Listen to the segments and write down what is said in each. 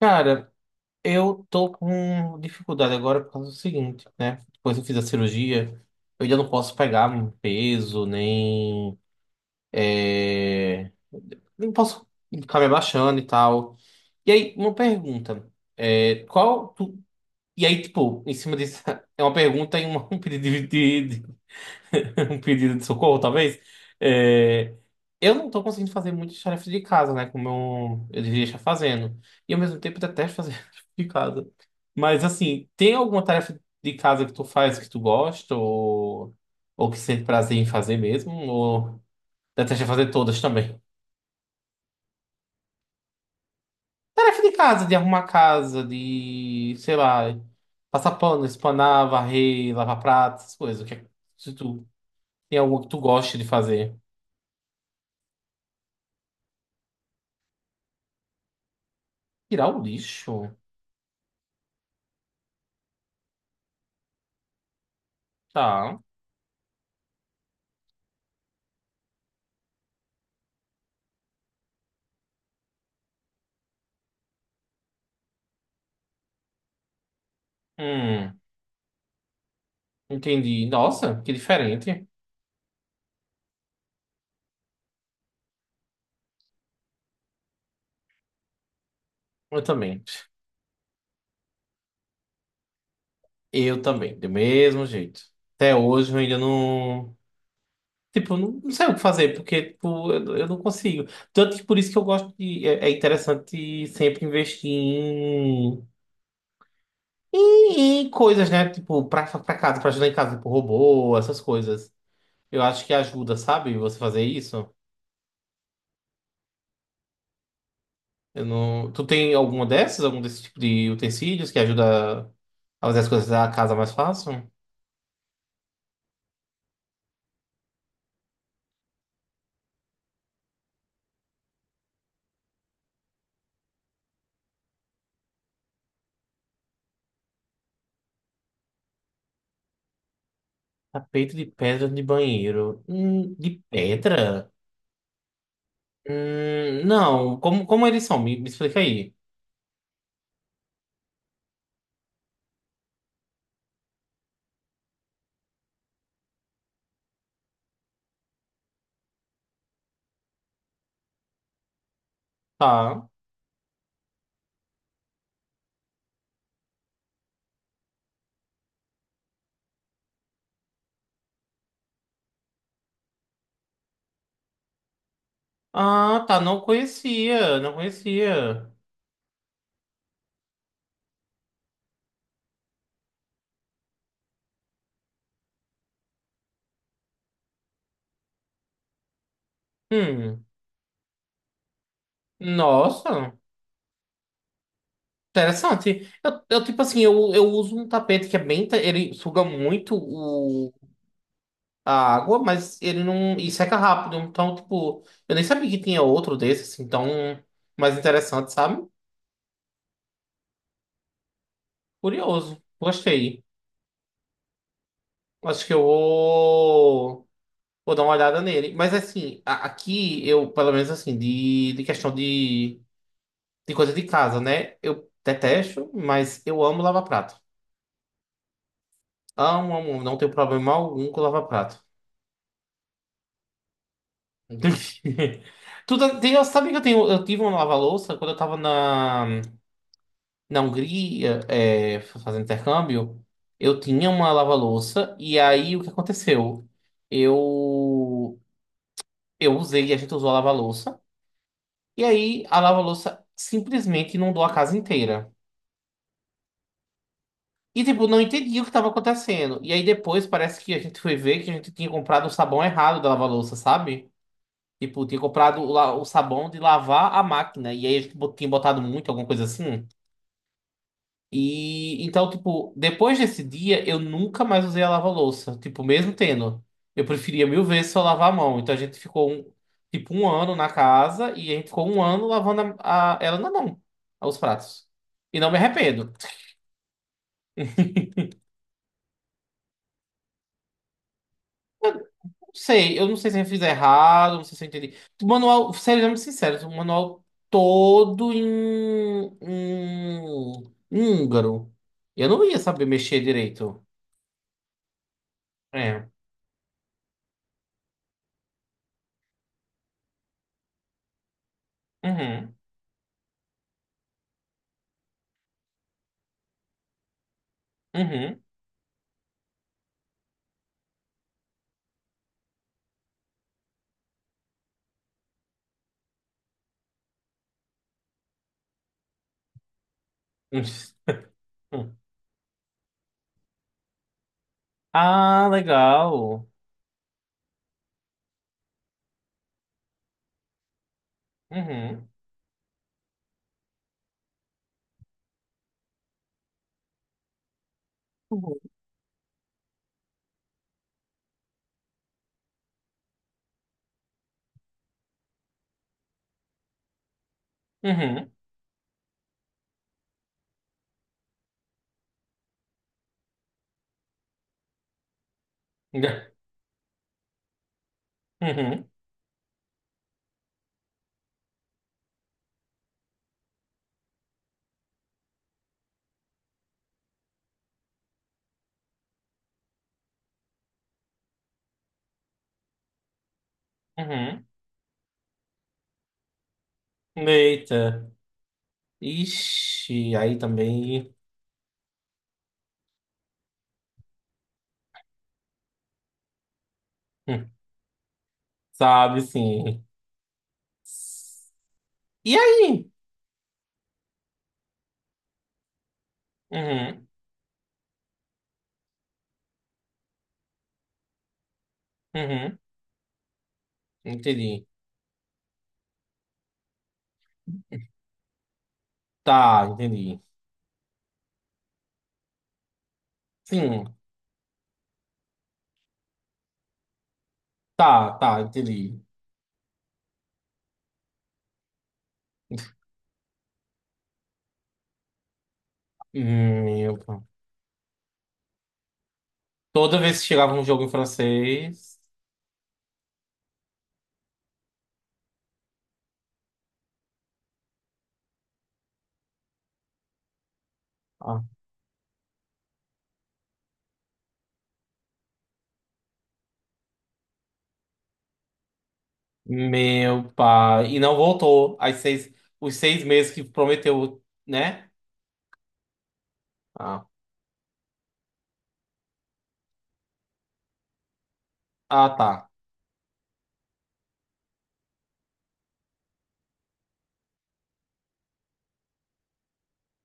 Cara, eu tô com dificuldade agora por causa do seguinte, né? Depois eu fiz a cirurgia, eu ainda não posso pegar um peso, nem. é, nem posso ficar me abaixando e tal. E aí, uma pergunta. é, qual. tu- E aí, tipo, em cima disso, é uma pergunta e um um pedido de, um pedido de socorro, talvez. É, eu não tô conseguindo fazer muitas tarefas de casa, né? Como eu deveria estar fazendo. E ao mesmo tempo detesto fazer tarefa de casa. Mas assim, tem alguma tarefa de casa que tu faz que tu gosta ou que sente prazer em fazer mesmo? Ou detesta fazer todas também? Tarefa de casa, de arrumar a casa, de, sei lá, passar pano, espanar, varrer, lavar pratos, essas coisas. Se tu tem algo que tu goste de fazer? Tirar o lixo? Tá. Hum, entendi. Nossa, que diferente. Eu também. Eu também, do mesmo jeito. Até hoje eu ainda não. Tipo, eu não, não sei o que fazer, porque tipo, eu não consigo. Tanto que por isso que eu gosto de. É, é interessante sempre investir em coisas, né? Tipo, pra casa, pra ajudar em casa, tipo, robô, essas coisas. Eu acho que ajuda, sabe? Você fazer isso. Eu não... Tu tem alguma dessas, algum desse tipo de utensílios que ajuda a fazer as coisas da casa mais fácil? Tapete de pedra de banheiro. De pedra? Não. Como eles são? Me explica aí. Tá. Ah, tá. Não conhecia. Não conhecia. Hum. Nossa. Interessante. Eu tipo assim, eu uso um tapete que é bem. Ele suga muito o, a água, mas ele não. E seca rápido. Então, tipo, eu nem sabia que tinha outro desses, assim, tão mais interessante, sabe? Curioso. Gostei. Acho que eu vou. Vou dar uma olhada nele. Mas assim, aqui eu, pelo menos assim, de questão de coisa de casa, né? Eu detesto, mas eu amo lava-prato. Amo, amo, amo. Não tenho problema algum com lava-prato. Tudo, tem, eu sabia que eu, tenho, eu tive uma lava-louça quando eu tava na Hungria, é, fazendo intercâmbio. Eu tinha uma lava-louça e aí o que aconteceu? Eu, eu usei, a gente usou a lava-louça. E aí a lava-louça simplesmente inundou a casa inteira. E, tipo, não entendi o que estava acontecendo. E aí depois parece que a gente foi ver que a gente tinha comprado o sabão errado da lava-louça, sabe? Tipo, tinha comprado o sabão de lavar a máquina. E aí a gente tinha botado muito, alguma coisa assim. E então, tipo, depois desse dia, eu nunca mais usei a lava-louça. Tipo, mesmo tendo. Eu preferia mil vezes só lavar a mão. Então a gente ficou, tipo, um ano na casa e a gente ficou um ano lavando ela na mão, os pratos. E não me arrependo. Eu eu não sei se eu fiz errado, não sei se eu entendi. O manual, sério, sendo sincero, o manual todo em húngaro. Eu não ia saber mexer direito. É. Uhum. Uhum. Ah, legal. Uhum. Uhum. Uhum. Uhum. Uhum. Eita. Ixi, aí também. hum, Sabe, sim. E aí? Uhum. Uhum. Entendi. Tá, entendi. Sim, tá, tá, entendi. Meu pai. Toda vez que chegava um jogo em francês. ah, Meu pai. E não voltou. Os 6 meses que prometeu, né? Ah, ah, tá.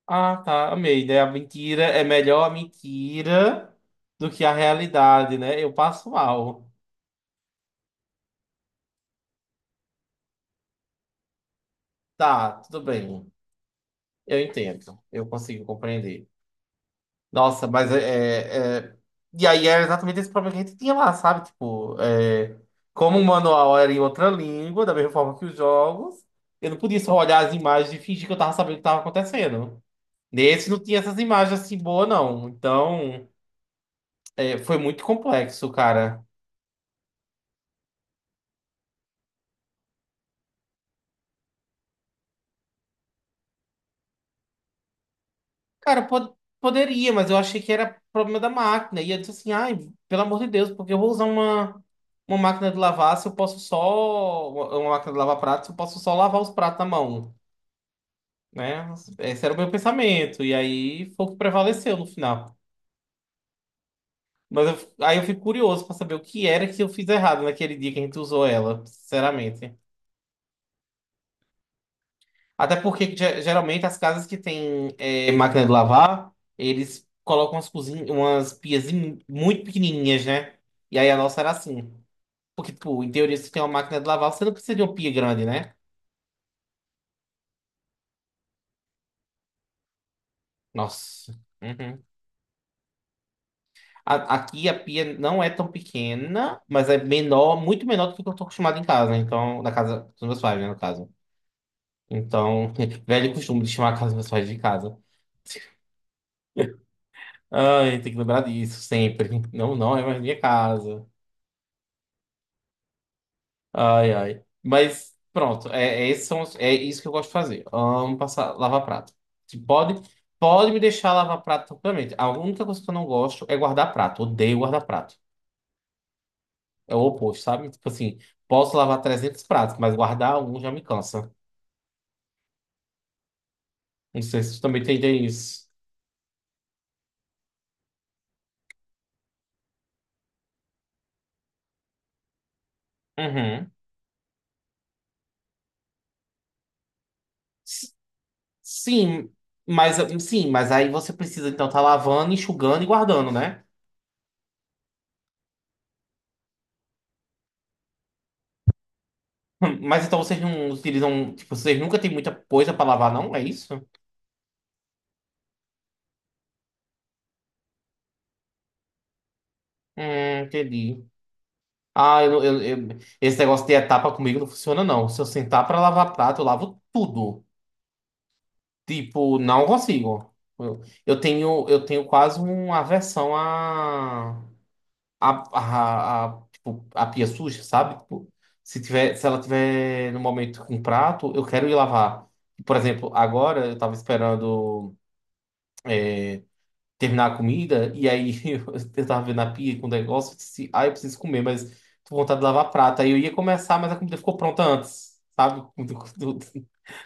Ah, tá, amei, né? A mentira é melhor a mentira do que a realidade, né? Eu passo mal. Tá, tudo bem. Eu entendo. Eu consigo compreender. Nossa, mas é, é- é- e aí era exatamente esse problema que a gente tinha lá, sabe? Tipo, é, como o manual era em outra língua, da mesma forma que os jogos, eu não podia só olhar as imagens e fingir que eu tava sabendo o que tava acontecendo. Nesse não tinha essas imagens assim boas, não. Então, é, foi muito complexo, cara. Cara, poderia, mas eu achei que era problema da máquina. E eu disse assim, ai, pelo amor de Deus, porque eu vou usar uma máquina de lavar se eu posso só. Uma máquina de lavar pratos, se eu posso só lavar os pratos na mão, né? Esse era o meu pensamento. E aí foi o que prevaleceu no final. Aí eu fico curioso pra saber o que era que eu fiz errado naquele dia que a gente usou ela, sinceramente. Até porque geralmente as casas que têm é, máquina de lavar, eles colocam umas cozinhas, umas pias muito pequenininhas, né? E aí a nossa era assim. Porque, tipo, em teoria, se tem uma máquina de lavar, você não precisa de uma pia grande, né? Nossa. Uhum. Aqui a pia não é tão pequena, mas é menor, muito menor do que eu tô acostumado em casa, né? Então, na casa dos meus pais, né, no caso. Então, velho costume de chamar a casa dos meus pais de casa. Ai, tem que lembrar disso sempre. Não, não é mais minha casa. Ai, ai. Mas pronto, é, é, esses são é isso que eu gosto de fazer. Amo passar, lavar prato. Se Pode, pode me deixar lavar prato tranquilamente. A única coisa que eu não gosto é guardar prato. Odeio guardar prato. É o oposto, sabe? Tipo assim, posso lavar 300 pratos, mas guardar um já me cansa. Não sei se você também tem isso. Uhum. S- Sim, mas sim, mas aí você precisa então estar lavando, enxugando e guardando, né? Mas então vocês não utilizam, tipo, vocês nunca têm muita coisa para lavar, não? É isso? É, entendi. Ah, eu, esse negócio de etapa comigo não funciona, não. Se eu sentar pra lavar prato, eu lavo tudo. Tipo, não consigo. Eu tenho, eu tenho quase uma aversão tipo, a pia suja, sabe? Tipo, se tiver, se ela tiver no momento com prato, eu quero ir lavar. Por exemplo, agora eu tava esperando. é, terminar a comida, e aí eu tava vendo a pia com o negócio, eu disse, ah, eu preciso comer, mas tô com vontade de lavar prato. Aí eu ia começar, mas a comida ficou pronta antes, sabe? Do, do,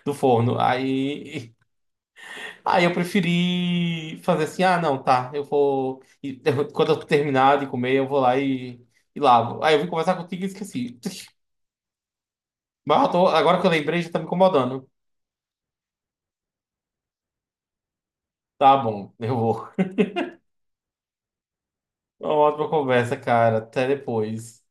do forno. Aí eu preferi fazer assim, ah, não, tá, eu vou. E quando eu terminar de comer, eu vou lá e lavo. Aí eu vim conversar contigo e esqueci. Agora que eu lembrei, já tá me incomodando. Tá bom, eu vou. Uma ótima conversa, cara. Até depois.